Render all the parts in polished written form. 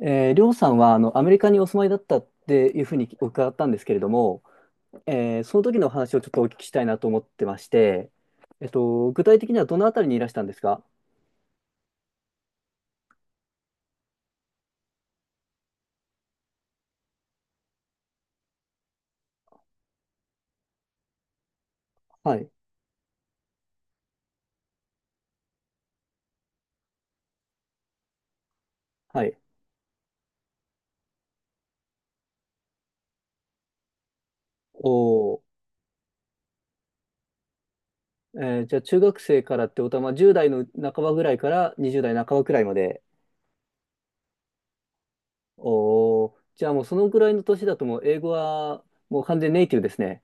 りょうさんはアメリカにお住まいだったっていうふうに伺ったんですけれども、その時のお話をちょっとお聞きしたいなと思ってまして、具体的にはどのあたりにいらしたんですか？はい。はい。おお。じゃあ中学生からってことは、まあ、10代の半ばぐらいから20代半ばくらいまで。おお、じゃあもうそのぐらいの年だともう英語はもう完全ネイティブですね。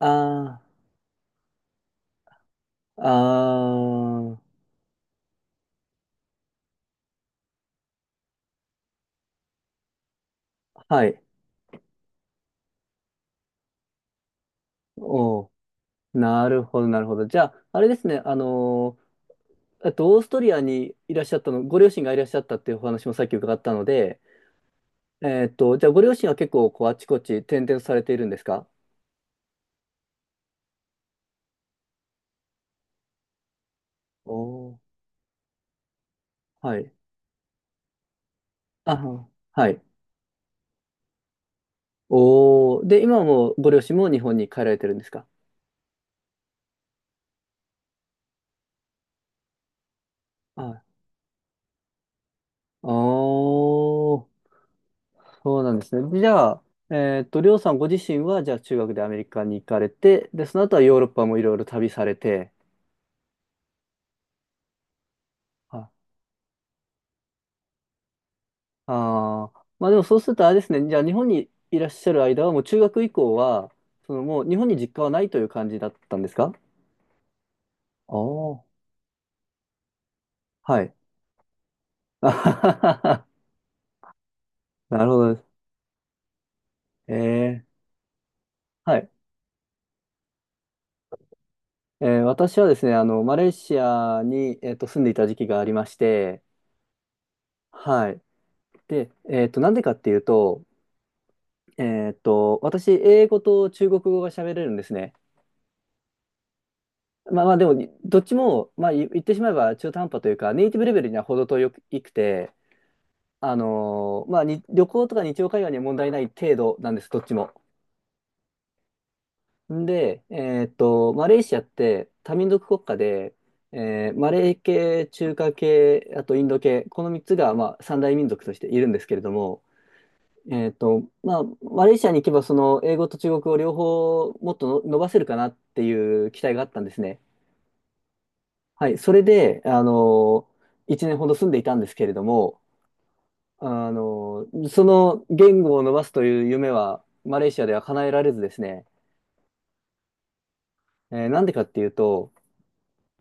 ああ、ああ、はい。おお、なるほど、なるほど。じゃあ、あれですね、あのオーストリアにいらっしゃったの、ご両親がいらっしゃったっていうお話もさっき伺ったので、じゃあご両親は結構こうあちこち転々とされているんですか？おー、はい。あ、はい。おー、で、今もご両親も日本に帰られてるんですか？はい。おー、そうなんですね。じゃあ、りょうさんご自身は、じゃあ中学でアメリカに行かれて、で、その後はヨーロッパもいろいろ旅されて、はい。ああ、まあでもそうするとあれですね、じゃあ日本にいらっしゃる間は、もう中学以降は、そのもう日本に実家はないという感じだったんですか？ああ、はい。あはは、は、なるほどです。え、え、はい。私はですね、マレーシアに、住んでいた時期がありまして、はい。で、なんでかっていうと、私、英語と中国語が喋れるんですね。まあまあ、でも、どっちも、まあ、言ってしまえば中途半端というか、ネイティブレベルには程遠くくて、まあ、に旅行とか日常会話には問題ない程度なんです、どっちも。んで、マレーシアって多民族国家で、マレー系、中華系、あとインド系、この3つが、まあ、三大民族としているんですけれども、まあ、マレーシアに行けば、その英語と中国語両方もっとの伸ばせるかなっていう期待があったんですね。はい、それで、1年ほど住んでいたんですけれども、あの、その言語を伸ばすという夢は、マレーシアでは叶えられずですね、なんでかっていうと、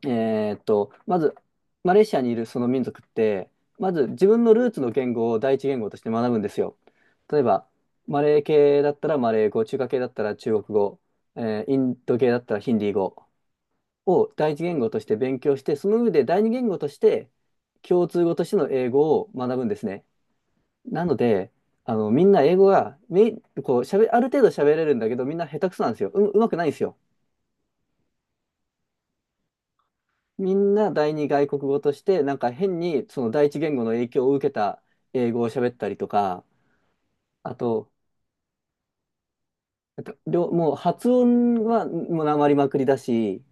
まず、マレーシアにいるその民族って、まず自分のルーツの言語を第一言語として学ぶんですよ。例えば、マレー系だったらマレー語、中華系だったら中国語、インド系だったらヒンディー語を第一言語として勉強して、その上で第二言語として共通語としての英語を学ぶんですね。なので、あの、みんな英語が、こう、ある程度喋れるんだけど、みんな下手くそなんですよ。うまくないんですよ。みんな第二外国語として、なんか変に、その第一言語の影響を受けた英語を喋ったりとか、あと、もう発音はもうなまりまくりだし、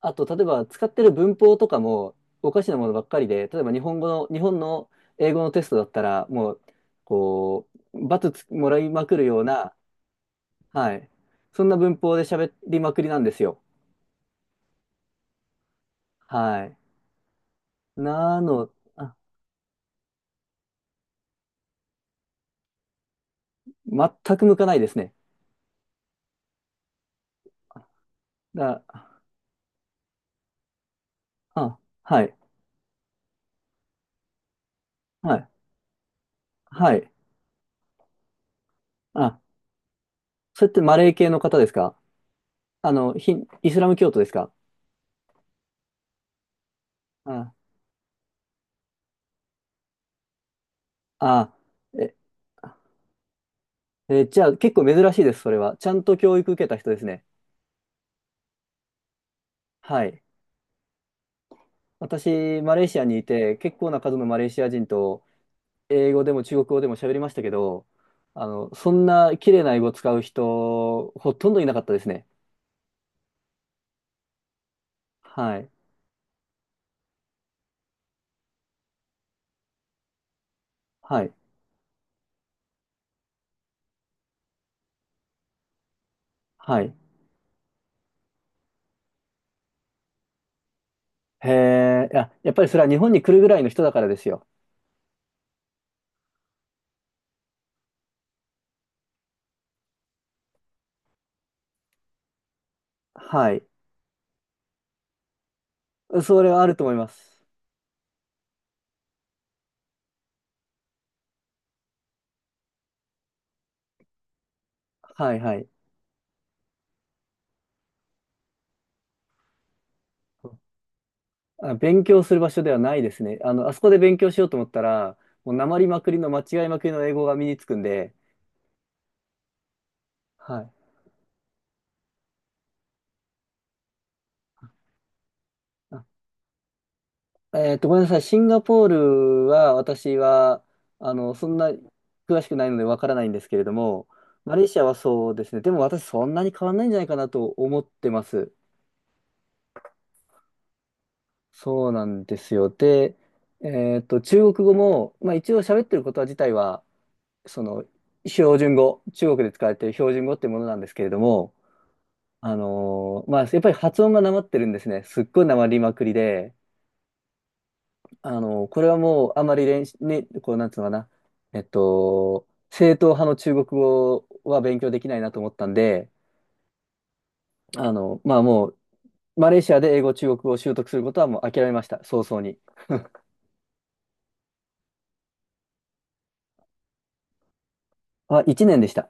あと、例えば使ってる文法とかもおかしなものばっかりで、例えば日本語の、日本の英語のテストだったら、もう、こう、罰つもらいまくるような、はい。そんな文法で喋りまくりなんですよ。はい。なの、あ、全く向かないですね。だ、あ、はい、はい、はい。あ、それってマレー系の方ですか？あの、ヒンイスラム教徒ですか？あ、あ、え、え、じゃあ結構珍しいです、それは。ちゃんと教育受けた人ですね。はい。私、マレーシアにいて、結構な数のマレーシア人と英語でも中国語でも喋りましたけど、あの、そんな綺麗な英語を使う人、ほとんどいなかったですね。はい。はい。はい。へえ、いや、やっぱりそれは日本に来るぐらいの人だからですよ。はい。それはあると思います。はい、はい。あ、勉強する場所ではないですね。あの、あそこで勉強しようと思ったら、もうなまりまくりの間違いまくりの英語が身につくんで、はい。ごめんなさい。シンガポールは、私は、あの、そんな詳しくないのでわからないんですけれども、マレーシアはそうですね。でも私そんなに変わんないんじゃないかなと思ってます。そうなんですよ。で、中国語も、まあ一応喋ってることは自体は、その、標準語、中国で使われている標準語ってものなんですけれども、まあやっぱり発音がなまってるんですね。すっごいなまりまくりで、あの、これはもうあまりね、こう、なんつうのかな、正統派の中国語は勉強できないなと思ったんで、あの、まあもう、マレーシアで英語、中国語を習得することはもう諦めました、早々に。あ、1年でした。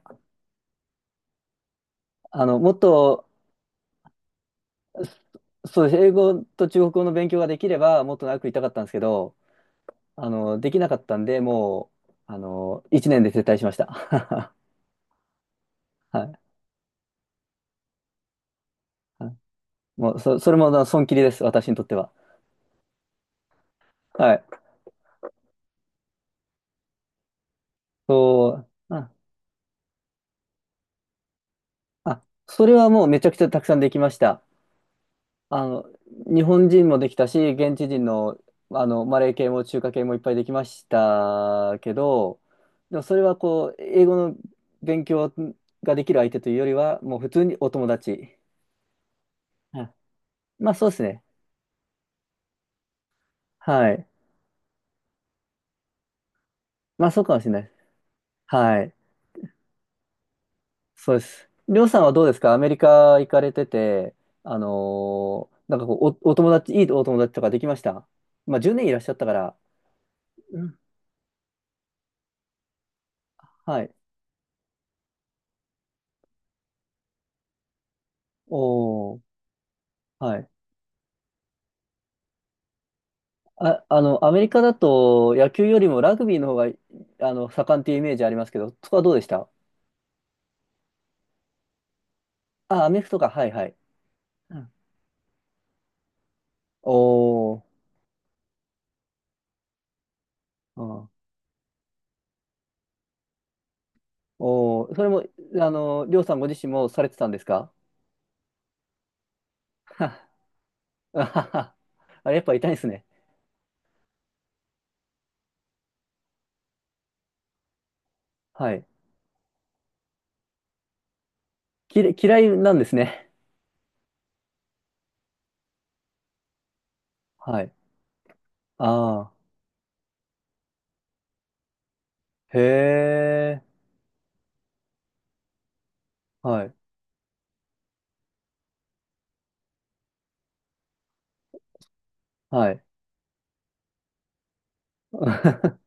あの、もっと、そうです。英語と中国語の勉強ができれば、もっと長くいたかったんですけど、あの、できなかったんで、もう、あの、1年で撤退しました。はい。はい。もう、そ、それも、あの損切りです、私にとっては。はい。そう。うん。あ、それはもうめちゃくちゃたくさんできました。あの、日本人もできたし、現地人の、あの、マレー系も中華系もいっぱいできましたけど、でもそれはこう、英語の勉強ができる相手というよりは、もう普通にお友達。はい。まあそうですね。はい。まあそうかもしれない。はい。そうです。りょうさんはどうですか？アメリカ行かれてて、なんかこう、お友達、いいお友達とかできました？まあ10年いらっしゃったから。うん。はい。おー、はい。あ、あの、アメリカだと野球よりもラグビーの方が、あの、盛んっていうイメージありますけど、そこはどうでした？あ、アメフトか、はいはい。うん。おー、うん。おー、それも、あの、りょうさんご自身もされてたんですか？はあはは あれ、やっぱ痛いですね。はい。嫌いなんですね。はい。ああ、へえ、はい、はい。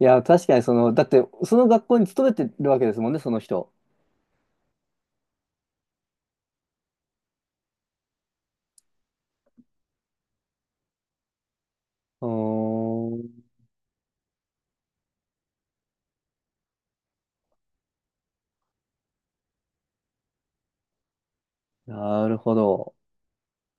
いや、確かにその、だって、その学校に勤めてるわけですもんね、その人。うーん、なるほど。